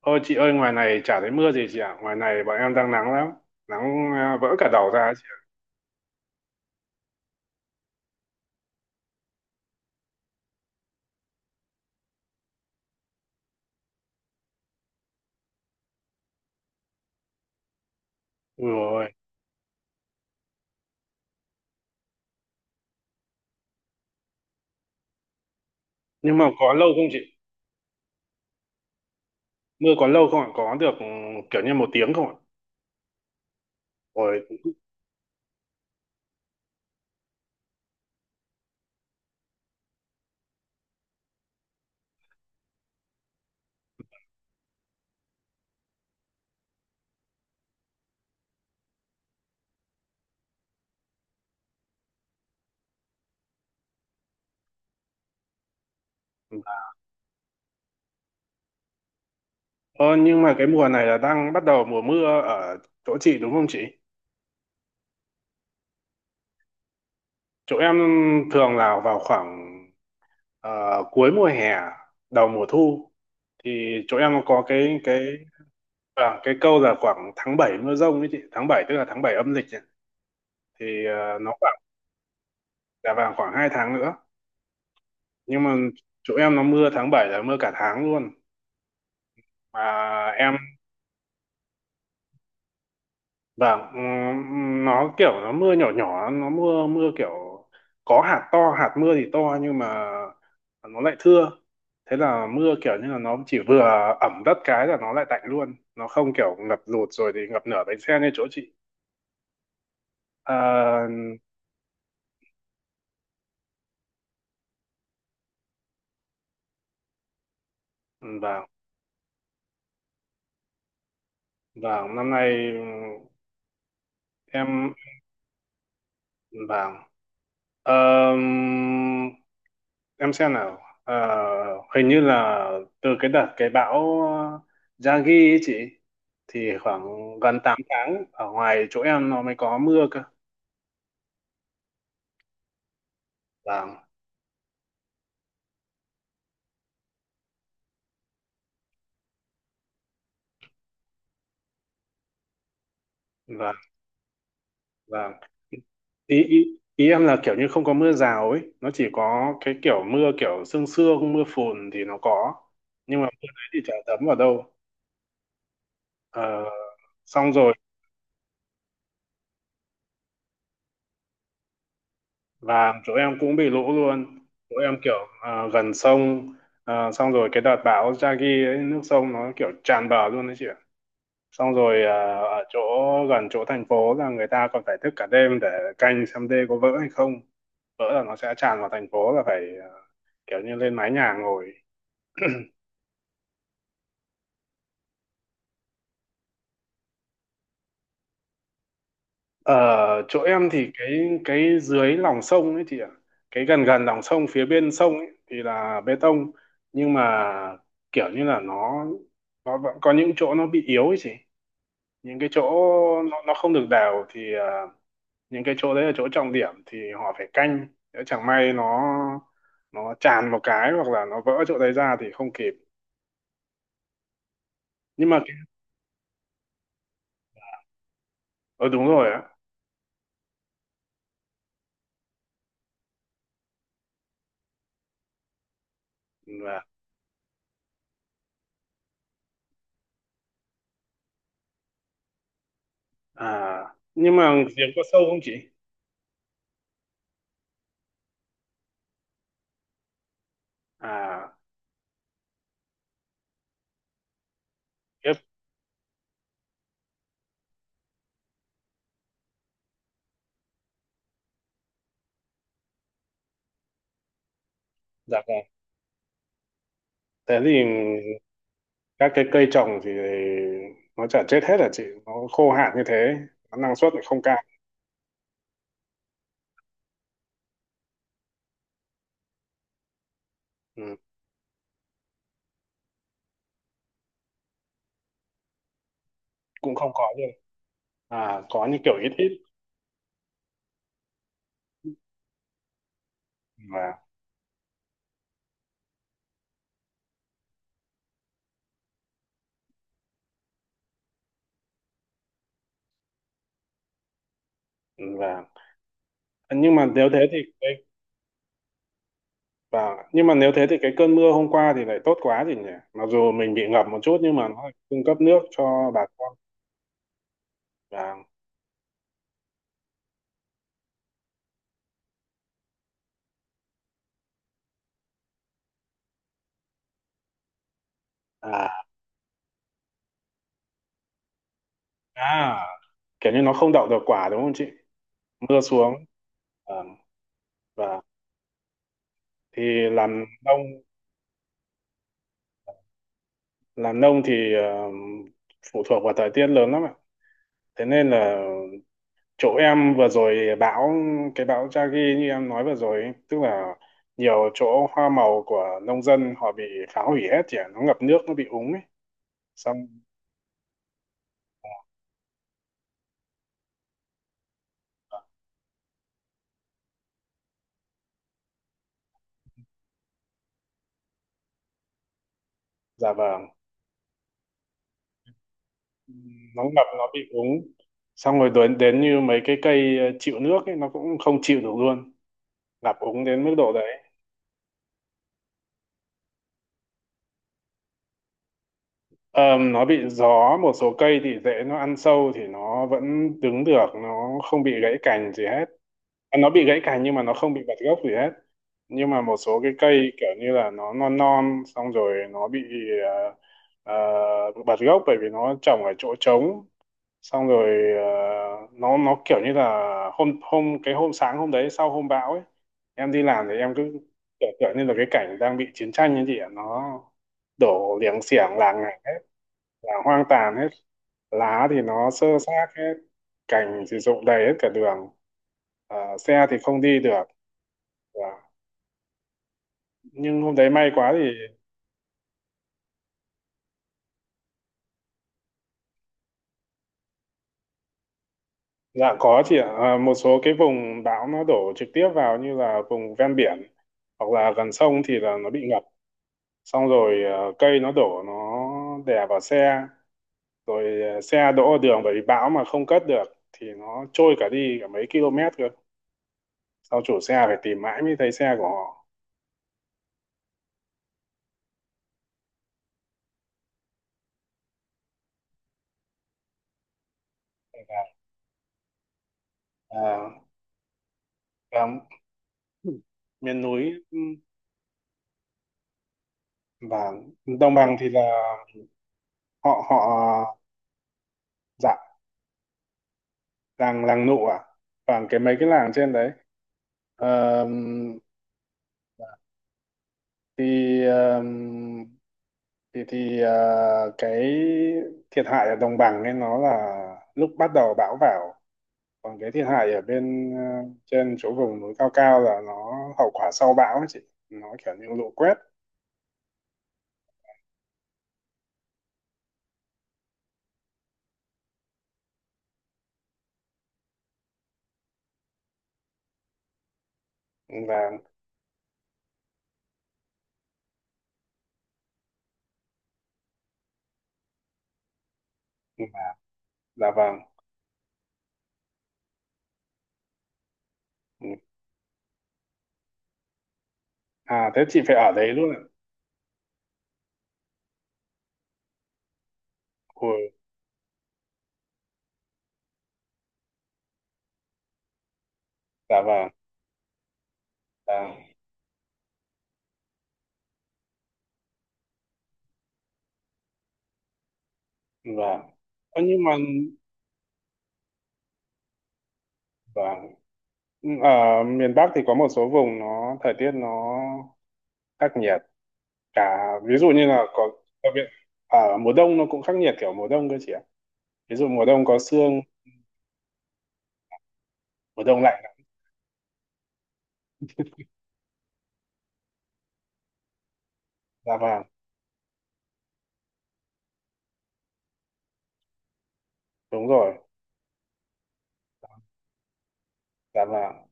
Ôi chị ơi, ngoài này chả thấy mưa gì chị ạ. Ngoài này bọn em đang nắng lắm. Nắng à, vỡ cả đầu ra ấy chị ạ. Ui rồi. Nhưng mà có lâu không chị? Mưa có lâu không ạ? Có được kiểu như một tiếng không ạ? Ôi. Ờ, nhưng mà cái mùa này là đang bắt đầu mùa mưa ở chỗ chị đúng không chị? Chỗ em thường là vào khoảng cuối mùa hè, đầu mùa thu. Thì chỗ em có cái cái câu là khoảng tháng 7 mưa dông ấy chị. Tháng 7 tức là tháng 7 âm lịch. Ấy. Thì nó khoảng là vào khoảng 2 tháng nữa, nhưng mà chỗ em nó mưa tháng 7 là mưa cả tháng luôn mà. Em vâng. Nó kiểu nó mưa nhỏ nhỏ, nó mưa mưa kiểu có hạt to, hạt mưa thì to nhưng mà nó lại thưa. Thế là mưa kiểu như là nó chỉ vừa ẩm đất cái là nó lại tạnh luôn, nó không kiểu ngập lụt rồi thì ngập nửa bánh xe như chỗ chị. à, vâng, vâng năm nay em vâng. Ờm, em xem nào. Ờ, hình như là từ cái đợt cái bão Yagi ấy chị thì khoảng gần 8 tháng ở ngoài chỗ em nó mới có mưa cơ. Vâng, vâng, vâng. Ý, ý ý em là kiểu như không có mưa rào ấy, nó chỉ có cái kiểu mưa kiểu sương sương, mưa phùn thì nó có nhưng mà mưa đấy thì chả thấm vào đâu. Ờ, xong rồi và chỗ em cũng bị lũ luôn. Chỗ em kiểu gần sông. Xong rồi cái đợt bão Yagi ấy nước sông nó kiểu tràn bờ luôn đấy chị ạ. Xong rồi ở chỗ gần chỗ thành phố là người ta còn phải thức cả đêm để canh xem đê có vỡ hay không, vỡ là nó sẽ tràn vào thành phố là phải kiểu như lên mái nhà ngồi. Ở chỗ em thì cái dưới lòng sông ấy chị ạ, cái gần gần lòng sông phía bên sông ấy thì là bê tông, nhưng mà kiểu như là nó vẫn có những chỗ nó bị yếu ấy chị, những cái chỗ nó không được đều thì những cái chỗ đấy là chỗ trọng điểm thì họ phải canh, nếu chẳng may nó tràn một cái hoặc là nó vỡ chỗ đấy ra thì không kịp. Nhưng mà ờ đúng rồi á. Vâng. À nhưng mà giếng có sâu không chị? À tiếp. Dạ vâng. Thế thì các cái cây trồng thì nó chả chết hết hả chị, nó khô hạn như thế nó năng suất lại không cao. Ừ. Cũng không có, nhưng có như kiểu ít ít. Và và nhưng mà nếu thế thì cái nhưng mà nếu thế thì cái cơn mưa hôm qua thì lại tốt quá gì nhỉ, mặc dù mình bị ngập một chút nhưng mà nó lại cung cấp nước cho bà con. Và à, à kiểu như nó không đậu được quả đúng không chị? Mưa xuống. à, và thì làm nông, làm nông thì phụ thuộc vào thời tiết lớn lắm ạ. Thế nên là chỗ em vừa rồi bão, cái bão Yagi như em nói vừa rồi ấy, tức là nhiều chỗ hoa màu của nông dân họ bị phá hủy hết thì nó ngập nước, nó bị úng ấy. Xong dạ vâng. Nó ngập nó bị úng, xong rồi đến đến như mấy cái cây chịu nước ấy nó cũng không chịu được luôn, ngập úng đến mức độ đấy. Ờ, nó bị gió, một số cây thì rễ nó ăn sâu thì nó vẫn đứng được, nó không bị gãy cành gì hết. À, nó bị gãy cành nhưng mà nó không bị bật gốc gì hết. Nhưng mà một số cái cây kiểu như là nó non non xong rồi nó bị ờ, bật gốc bởi vì nó trồng ở chỗ trống. Xong rồi nó kiểu như là hôm hôm cái hôm sáng hôm đấy sau hôm bão ấy, em đi làm thì em cứ kiểu kiểu như là cái cảnh đang bị chiến tranh như chị ạ, nó đổ liềng xiềng làng ngả hết, là hoang tàn hết. Lá thì nó xơ xác hết, cành thì rụng đầy hết cả đường. Ờ, xe thì không đi được. Và- nhưng hôm đấy may quá thì. Dạ có chị ạ. À, một số cái vùng bão nó đổ trực tiếp vào như là vùng ven biển hoặc là gần sông thì là nó bị ngập. Xong rồi cây nó đổ nó đè vào xe, rồi xe đỗ ở đường bởi vì bão mà không cất được thì nó trôi cả đi cả mấy km cơ. Sau chủ xe phải tìm mãi mới thấy xe của họ. À, và miền núi và đồng bằng thì là họ họ dạ, làng làng nụ à và cái mấy cái làng trên đấy. Ờ, thì thì cái thiệt hại ở đồng bằng ấy nó là lúc bắt đầu bão vào, còn cái thiệt hại ở bên trên chỗ vùng núi cao cao là nó hậu quả sau bão ấy chị, nó kiểu như lũ quét. Và dạ vâng. Ừ. À thế chị phải ở đấy luôn ạ? Ôi, dạ vâng, dạ vâng. Ơ, nhưng mà vâng, ở miền Bắc thì có một số vùng nó thời tiết nó khắc nghiệt cả, ví dụ như là có đặc biệt ở mùa đông, nó cũng khắc nghiệt kiểu mùa đông cơ chị ạ. Ví dụ mùa đông có sương, mùa đông lạnh. Dạ vàng. Đúng rồi. Dạ vàng,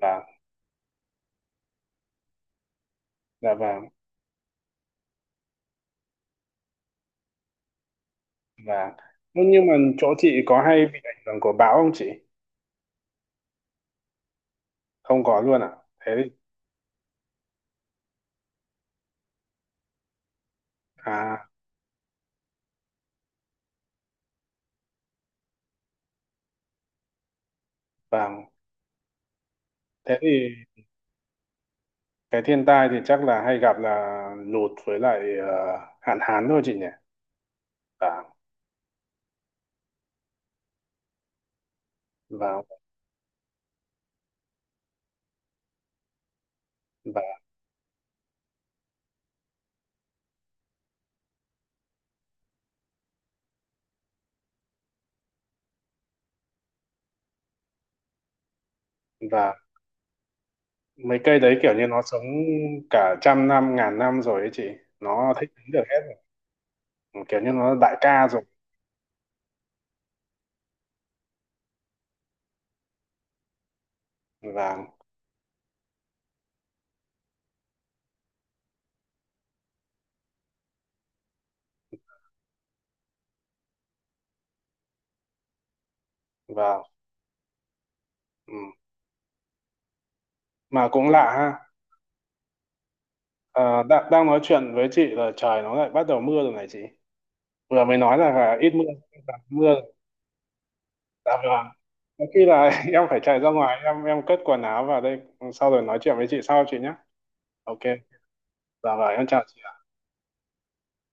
vàng. Dạ vàng, vàng. Ơ, nhưng mà chỗ chị có hay bị ảnh hưởng của bão không chị? Không có luôn ạ? Thế thì à vàng. Thế thì cái thiên tai thì chắc là hay gặp là lụt với lại hạn hán thôi chị nhỉ. Vàng, vàng, vàng, vàng. Mấy cây đấy kiểu như nó sống cả trăm năm ngàn năm rồi ấy chị, nó thích ứng được hết rồi. Kiểu như nó đại ca rồi. Và và ừ. Mà cũng lạ ha. Ờ, đang nói chuyện với chị là trời nó lại bắt đầu mưa rồi này chị, vừa mới nói là ít mưa là mưa rồi. Dạ vâng, có khi là em phải chạy ra ngoài em cất quần áo vào đây. Sau rồi nói chuyện với chị sau chị nhé. Ok. Dạ vâng em chào chị.